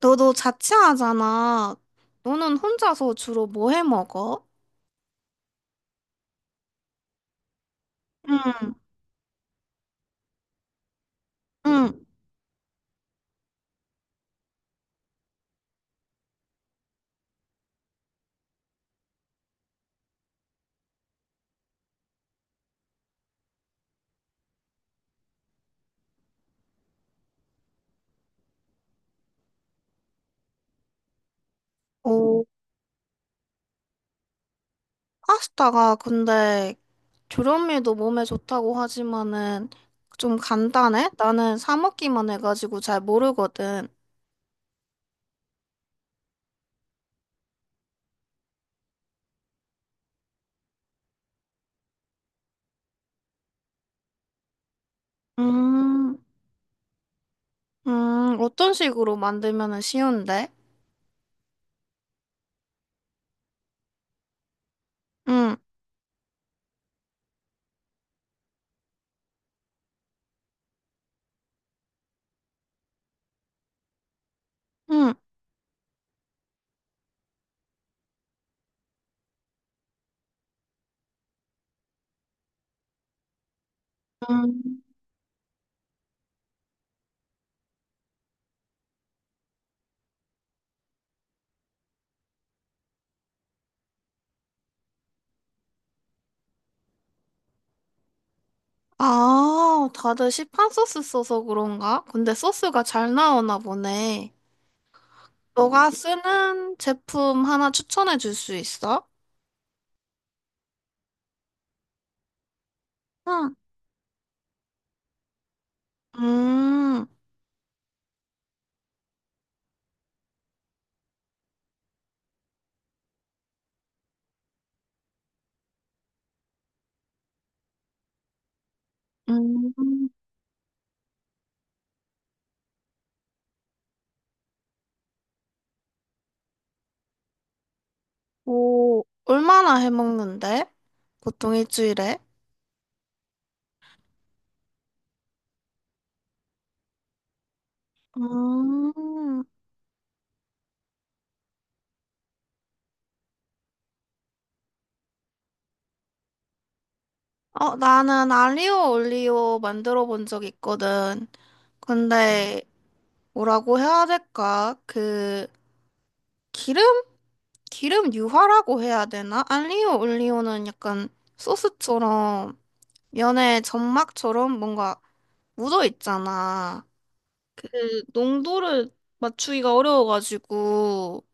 너도 자취하잖아. 너는 혼자서 주로 뭐 해 먹어? 응, 응. 오, 파스타가 근데 조련미도 몸에 좋다고 하지만은 좀 간단해? 나는 사 먹기만 해가지고 잘 모르거든. 음, 어떤 식으로 만들면은 쉬운데? 응, 응, 응. 아, 다들 시판 소스 써서 그런가? 근데 소스가 잘 나오나 보네. 너가 쓰는 제품 하나 추천해 줄 수 있어? 응. 음, 음, 뭐, 얼마나 해 먹는데? 보통 일주일에? 음, 어, 나는 알리오 올리오 만들어 본 적 있거든. 근데, 뭐라고 해야 될까? 그, 기름? 기름 유화라고 해야 되나? 알리오 올리오는 약간 소스처럼, 면에 점막처럼 뭔가 묻어 있잖아. 그 농도를 맞추기가 어려워가지고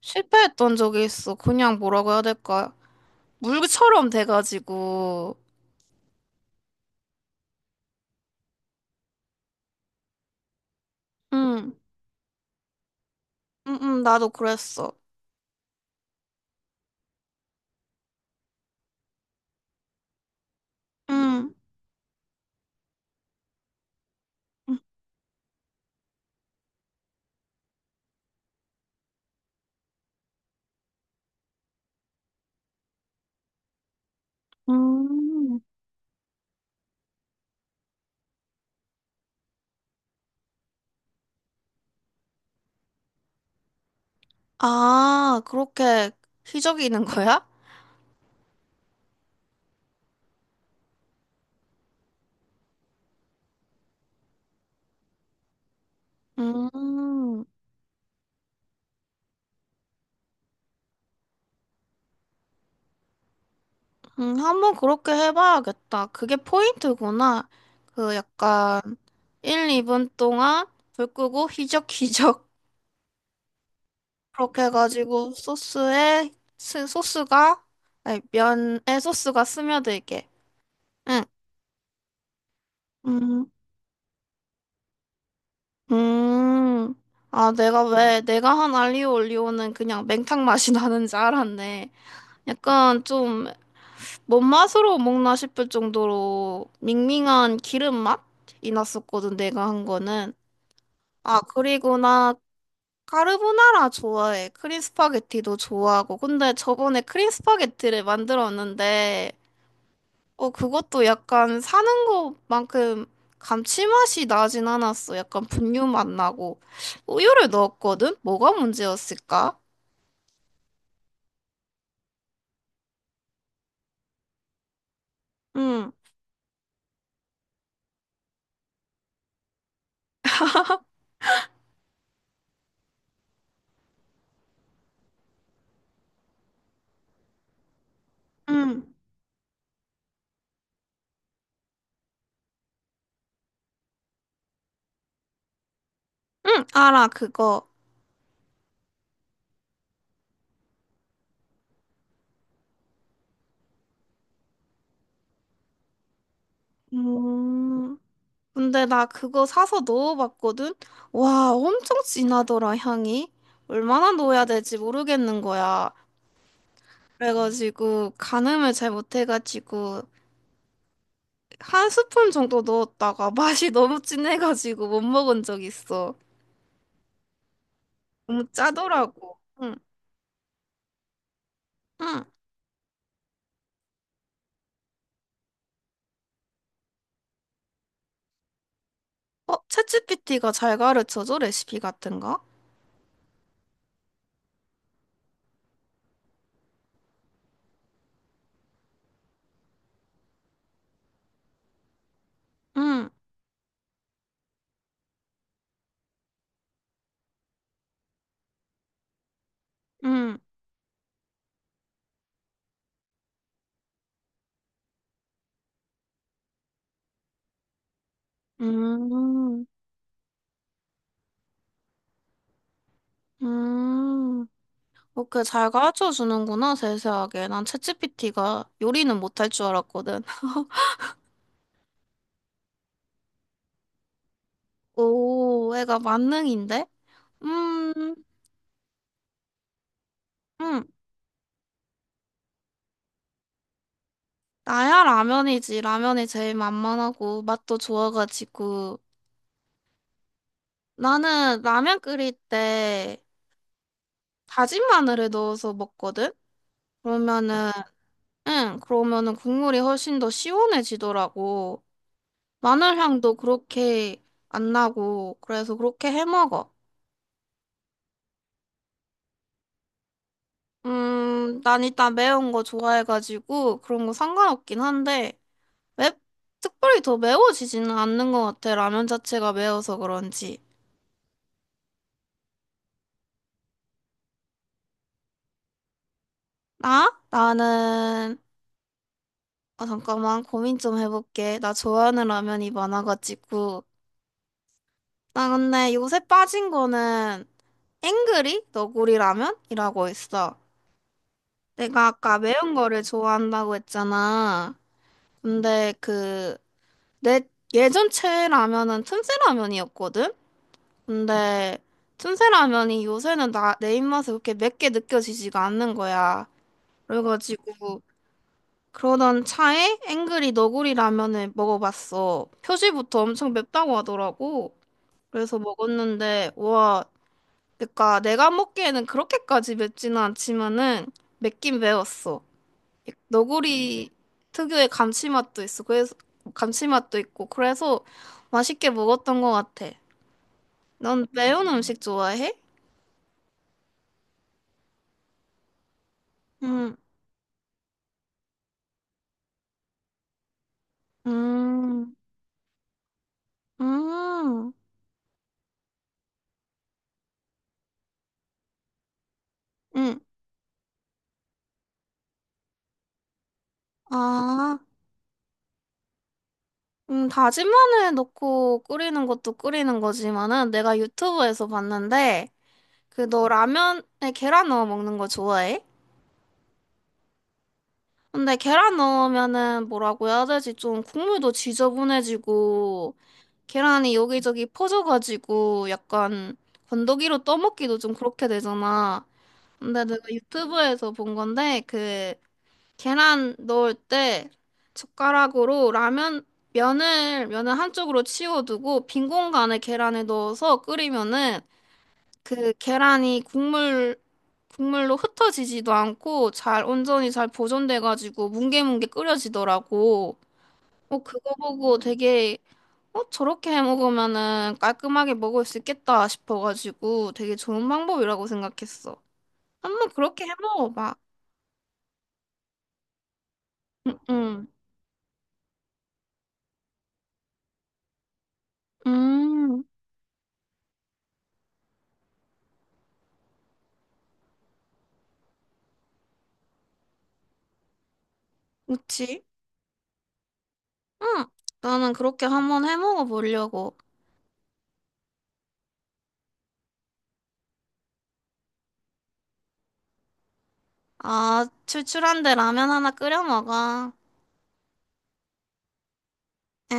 실패했던 적이 있어. 그냥 뭐라고 해야 될까? 물처럼 돼가지고. 응, 응, 응, 나도 그랬어. 응. 응. 음. 아, 그렇게 휘저기는 거야? 음, 한번 그렇게 해봐야겠다. 그게 포인트구나. 그 약간 1, 2분 동안 불 끄고 휘적휘적 그렇게 해가지고 소스에 소스가 아니, 면에 소스가 스며들게. 응. 음. 음. 아, 내가 왜 내가 한 알리오 올리오는 그냥 맹탕 맛이 나는 줄 알았네. 약간 좀 뭔 맛으로 먹나 싶을 정도로 밍밍한 기름 맛이 났었거든, 내가 한 거는. 아, 그리고 나 카르보나라 좋아해. 크림 스파게티도 좋아하고. 근데 저번에 크림 스파게티를 만들었는데 어, 그것도 약간 사는 것만큼 감칠맛이 나진 않았어. 약간 분유 맛 나고. 우유를 넣었거든? 뭐가 문제였을까? 응, 응, 응, 알아, 그거. 음, 근데 나 그거 사서 넣어봤거든? 와, 엄청 진하더라, 향이. 얼마나 넣어야 될지 모르겠는 거야. 그래가지고 가늠을 잘 못해가지고 한 스푼 정도 넣었다가 맛이 너무 진해가지고 못 먹은 적 있어. 너무 짜더라고. 응, 응. 어, 챗GPT가 잘 가르쳐줘, 레시피 같은 거? 응, 응, 음, 음. 그렇게 잘 가르쳐 주는구나, 세세하게. 난 챗GPT가 요리는 못할 줄 알았거든. 오, 애가 만능인데? 음, 음. 나야 라면이지. 라면이 제일 만만하고 맛도 좋아가지고. 나는 라면 끓일 때 다진 마늘을 넣어서 먹거든? 그러면은 응, 그러면은 국물이 훨씬 더 시원해지더라고. 마늘 향도 그렇게 안 나고, 그래서 그렇게 해 먹어. 난 일단 매운 거 좋아해가지고 그런 거 상관없긴 한데, 맵, 특별히 더 매워지지는 않는 것 같아. 라면 자체가 매워서 그런지. 나? 나는, 아, 잠깐만, 고민 좀 해볼게. 나 좋아하는 라면이 많아가지고. 나 근데 요새 빠진 거는 앵그리 너구리 라면이라고 있어. 내가 아까 매운 거를 좋아한다고 했잖아. 근데 그, 내 예전 최애라면은 틈새라면이었거든? 근데 틈새라면이 요새는 내 입맛에 그렇게 맵게 느껴지지가 않는 거야. 그래가지고, 그러던 차에 앵그리 너구리 라면을 먹어봤어. 표지부터 엄청 맵다고 하더라고. 그래서 먹었는데, 와, 그니까 내가 먹기에는 그렇게까지 맵지는 않지만은 맵긴 매웠어. 너구리 특유의 감칠맛도 있어. 그래서 감칠맛도 있고 그래서 맛있게 먹었던 것 같아. 넌 매운 음식 좋아해? 음, 음, 음, 음. 아, 다진 마늘 넣고 끓이는 것도 끓이는 거지만은 내가 유튜브에서 봤는데 그 너 라면에 계란 넣어 먹는 거 좋아해? 근데 계란 넣으면은 뭐라고 해야 되지? 좀 국물도 지저분해지고 계란이 여기저기 퍼져가지고 약간 건더기로 떠먹기도 좀 그렇게 되잖아. 근데 내가 유튜브에서 본 건데 그 계란 넣을 때 젓가락으로 라면 면을 한쪽으로 치워두고 빈 공간에 계란을 넣어서 끓이면은 그 계란이 국물로 흩어지지도 않고 잘 온전히 잘 보존돼가지고 뭉게뭉게 끓여지더라고. 그거 보고 되게 저렇게 해 먹으면은 깔끔하게 먹을 수 있겠다 싶어가지고 되게 좋은 방법이라고 생각했어. 한번 그렇게 해 먹어봐. 응, 응, 음, 그치? 응, 나는 그렇게 한번 해 먹어보려고. 아, 출출한데 라면 하나 끓여 먹어. 에?